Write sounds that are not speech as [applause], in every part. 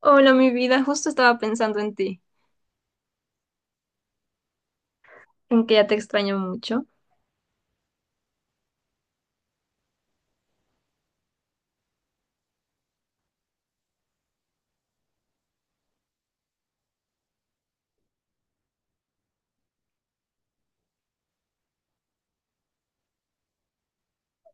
Hola, mi vida, justo estaba pensando en ti, en que ya te extraño mucho.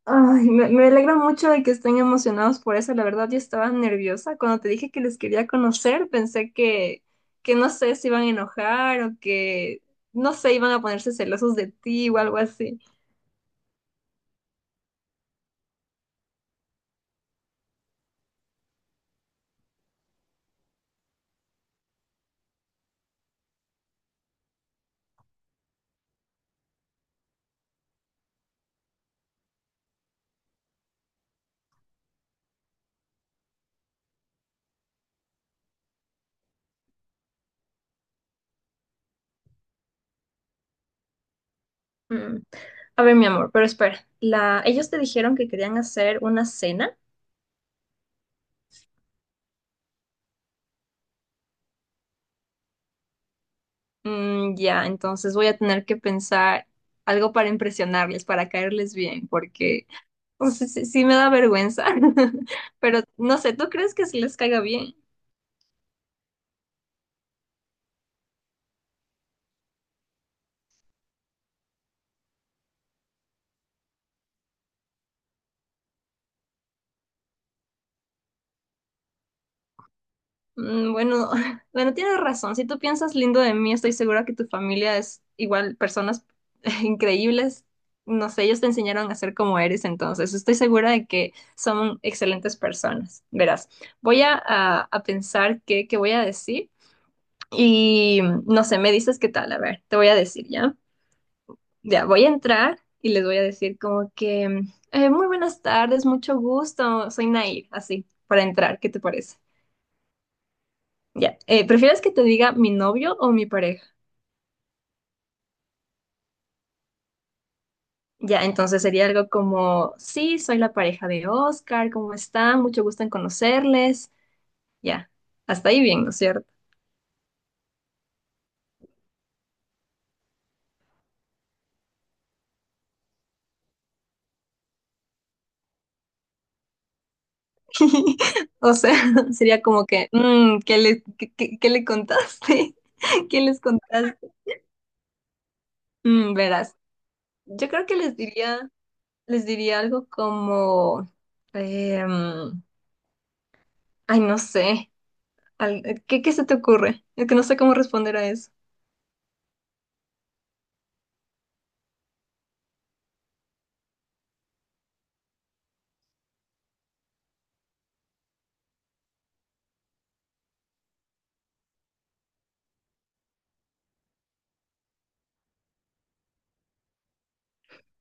Ay, me alegra mucho de que estén emocionados por eso. La verdad, yo estaba nerviosa. Cuando te dije que les quería conocer, pensé que no sé si iban a enojar o que, no sé, iban a ponerse celosos de ti o algo así. Mm. A ver, mi amor, pero espera. Ellos te dijeron que querían hacer una cena. Ya, entonces voy a tener que pensar algo para impresionarles, para caerles bien, porque. O sea, sí, sí me da vergüenza, [laughs] pero no sé, ¿tú crees que si les caiga bien? Bueno, [laughs] bueno, tienes razón. Si tú piensas lindo de mí, estoy segura que tu familia es igual personas [laughs] increíbles. No sé, ellos te enseñaron a ser como eres, entonces estoy segura de que son excelentes personas. Verás, voy a pensar qué voy a decir y no sé, me dices qué tal. A ver, te voy a decir, ¿ya? Ya voy a entrar y les voy a decir como que, muy buenas tardes, mucho gusto, soy Nair, así, para entrar, ¿qué te parece? Ya, ¿prefieres que te diga mi novio o mi pareja? Ya, entonces sería algo como, sí, soy la pareja de Oscar, ¿cómo están? Mucho gusto en conocerles. Ya, hasta ahí bien, ¿no es cierto? [laughs] O sea, [laughs] sería como que, ¿qué le contaste? [laughs] ¿Qué les contaste? Verás, yo creo que les diría algo como, em, ay, no sé, ¿qué se te ocurre? Es que no sé cómo responder a eso.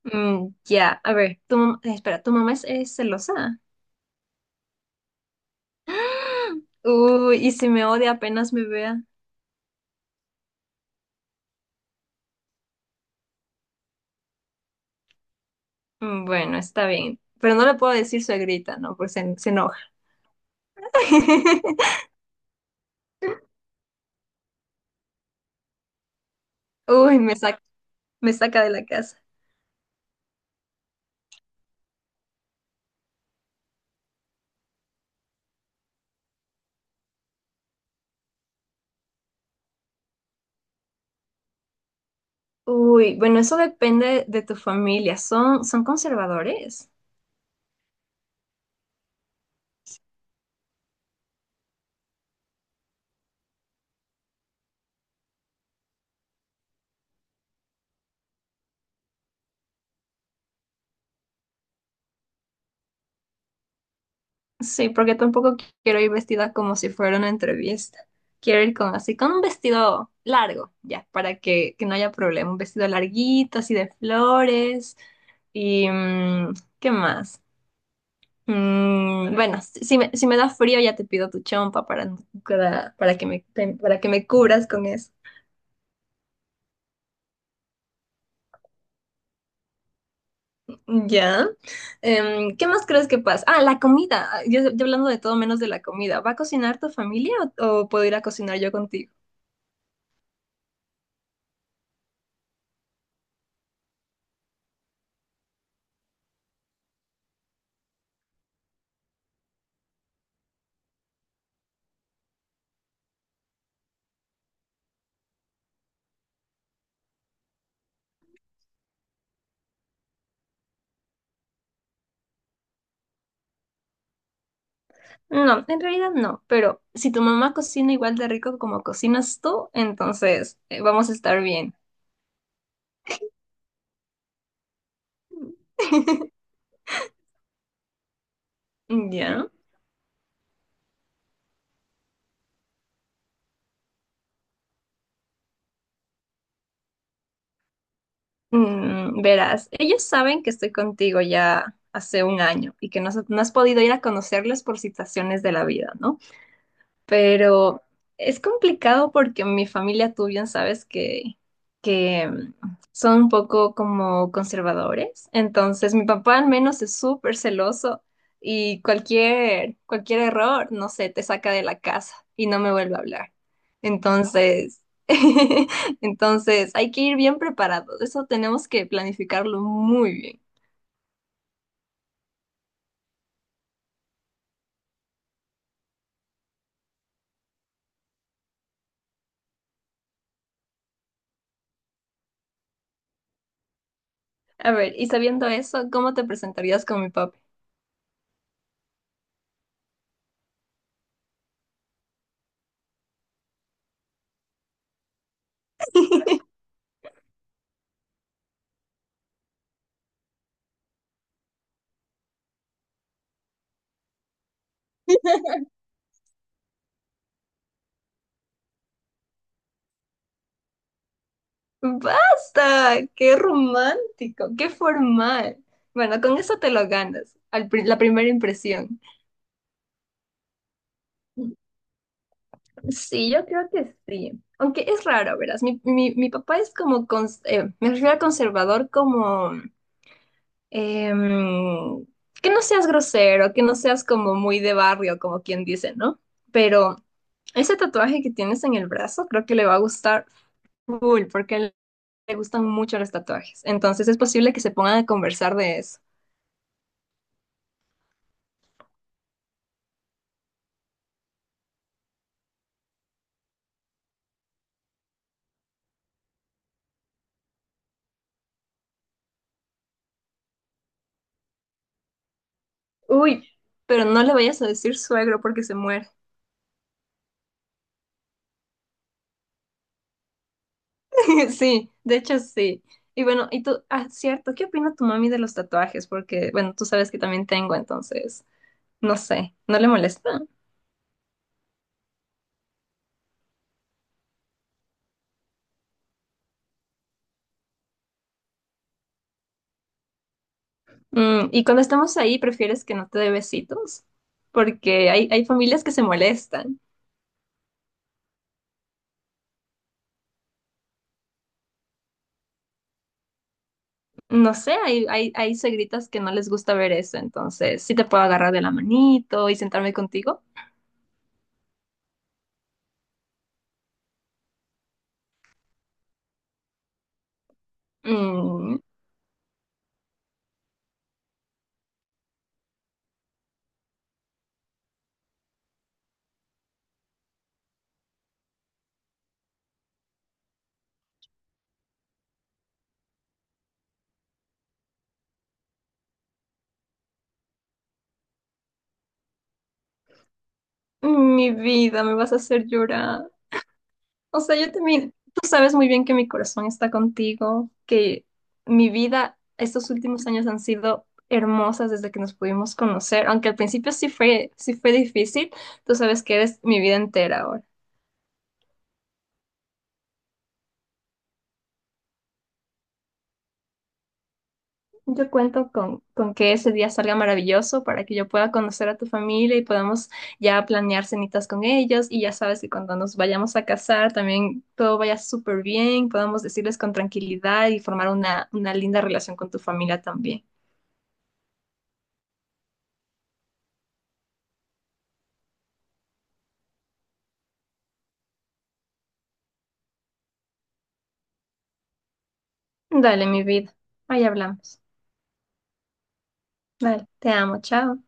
Ya, a ver, espera, ¿tu mamá es celosa? Uy, y si me odia apenas me vea. Bueno, está bien, pero no le puedo decir suegrita, ¿no? Pues se enoja. [laughs] Uy, me saca de la casa. Uy, bueno, eso depende de tu familia. ¿Son conservadores? Sí, porque tampoco quiero ir vestida como si fuera una entrevista. Quiero ir con así, con un vestido largo, ya, para que no haya problema. Un vestido larguito, así de flores. Y, ¿qué más? Bueno, si me da frío ya te pido tu chompa para, no- para, para que me, para que me cubras con eso. Ya. ¿Qué más crees que pasa? Ah, la comida. Yo hablando de todo menos de la comida. ¿Va a cocinar tu familia o puedo ir a cocinar yo contigo? No, en realidad no, pero si tu mamá cocina igual de rico como cocinas tú, entonces vamos a estar bien. [laughs] Ya. Verás, ellos saben que estoy contigo ya hace un año y que no has podido ir a conocerles por situaciones de la vida, ¿no? Pero es complicado porque mi familia, tú bien sabes que son un poco como conservadores. Entonces, mi papá al menos es súper celoso y cualquier error, no sé, te saca de la casa y no me vuelve a hablar. Entonces, [laughs] entonces hay que ir bien preparados. Eso tenemos que planificarlo muy bien. A ver, y sabiendo eso, ¿cómo te presentarías con mi papá? Basta, qué romántico, qué formal. Bueno, con eso te lo ganas, la primera impresión. Sí, yo creo que sí. Aunque es raro, verás. Mi papá es como, me refiero a conservador como, em, que no seas grosero, que no seas como muy de barrio, como quien dice, ¿no? Pero ese tatuaje que tienes en el brazo creo que le va a gustar full, porque a él le gustan mucho los tatuajes. Entonces es posible que se pongan a conversar de eso. Uy, pero no le vayas a decir suegro porque se muere. [laughs] Sí, de hecho sí. Y bueno, y tú, ah, cierto, ¿qué opina tu mami de los tatuajes? Porque, bueno, tú sabes que también tengo, entonces, no sé, ¿no le molesta? Y cuando estamos ahí, ¿prefieres que no te dé besitos? Porque hay familias que se molestan. No sé, hay suegritas que no les gusta ver eso, entonces, sí te puedo agarrar de la manito y sentarme contigo. Mm, mi vida, me vas a hacer llorar. O sea, yo también, tú sabes muy bien que mi corazón está contigo, que mi vida, estos últimos años han sido hermosas desde que nos pudimos conocer, aunque al principio sí fue difícil, tú sabes que eres mi vida entera ahora. Yo cuento con que ese día salga maravilloso para que yo pueda conocer a tu familia y podamos ya planear cenitas con ellos y ya sabes que cuando nos vayamos a casar también todo vaya súper bien, podamos decirles con tranquilidad y formar una linda relación con tu familia también. Dale, mi vida. Ahí hablamos. Dale, te amo, chao.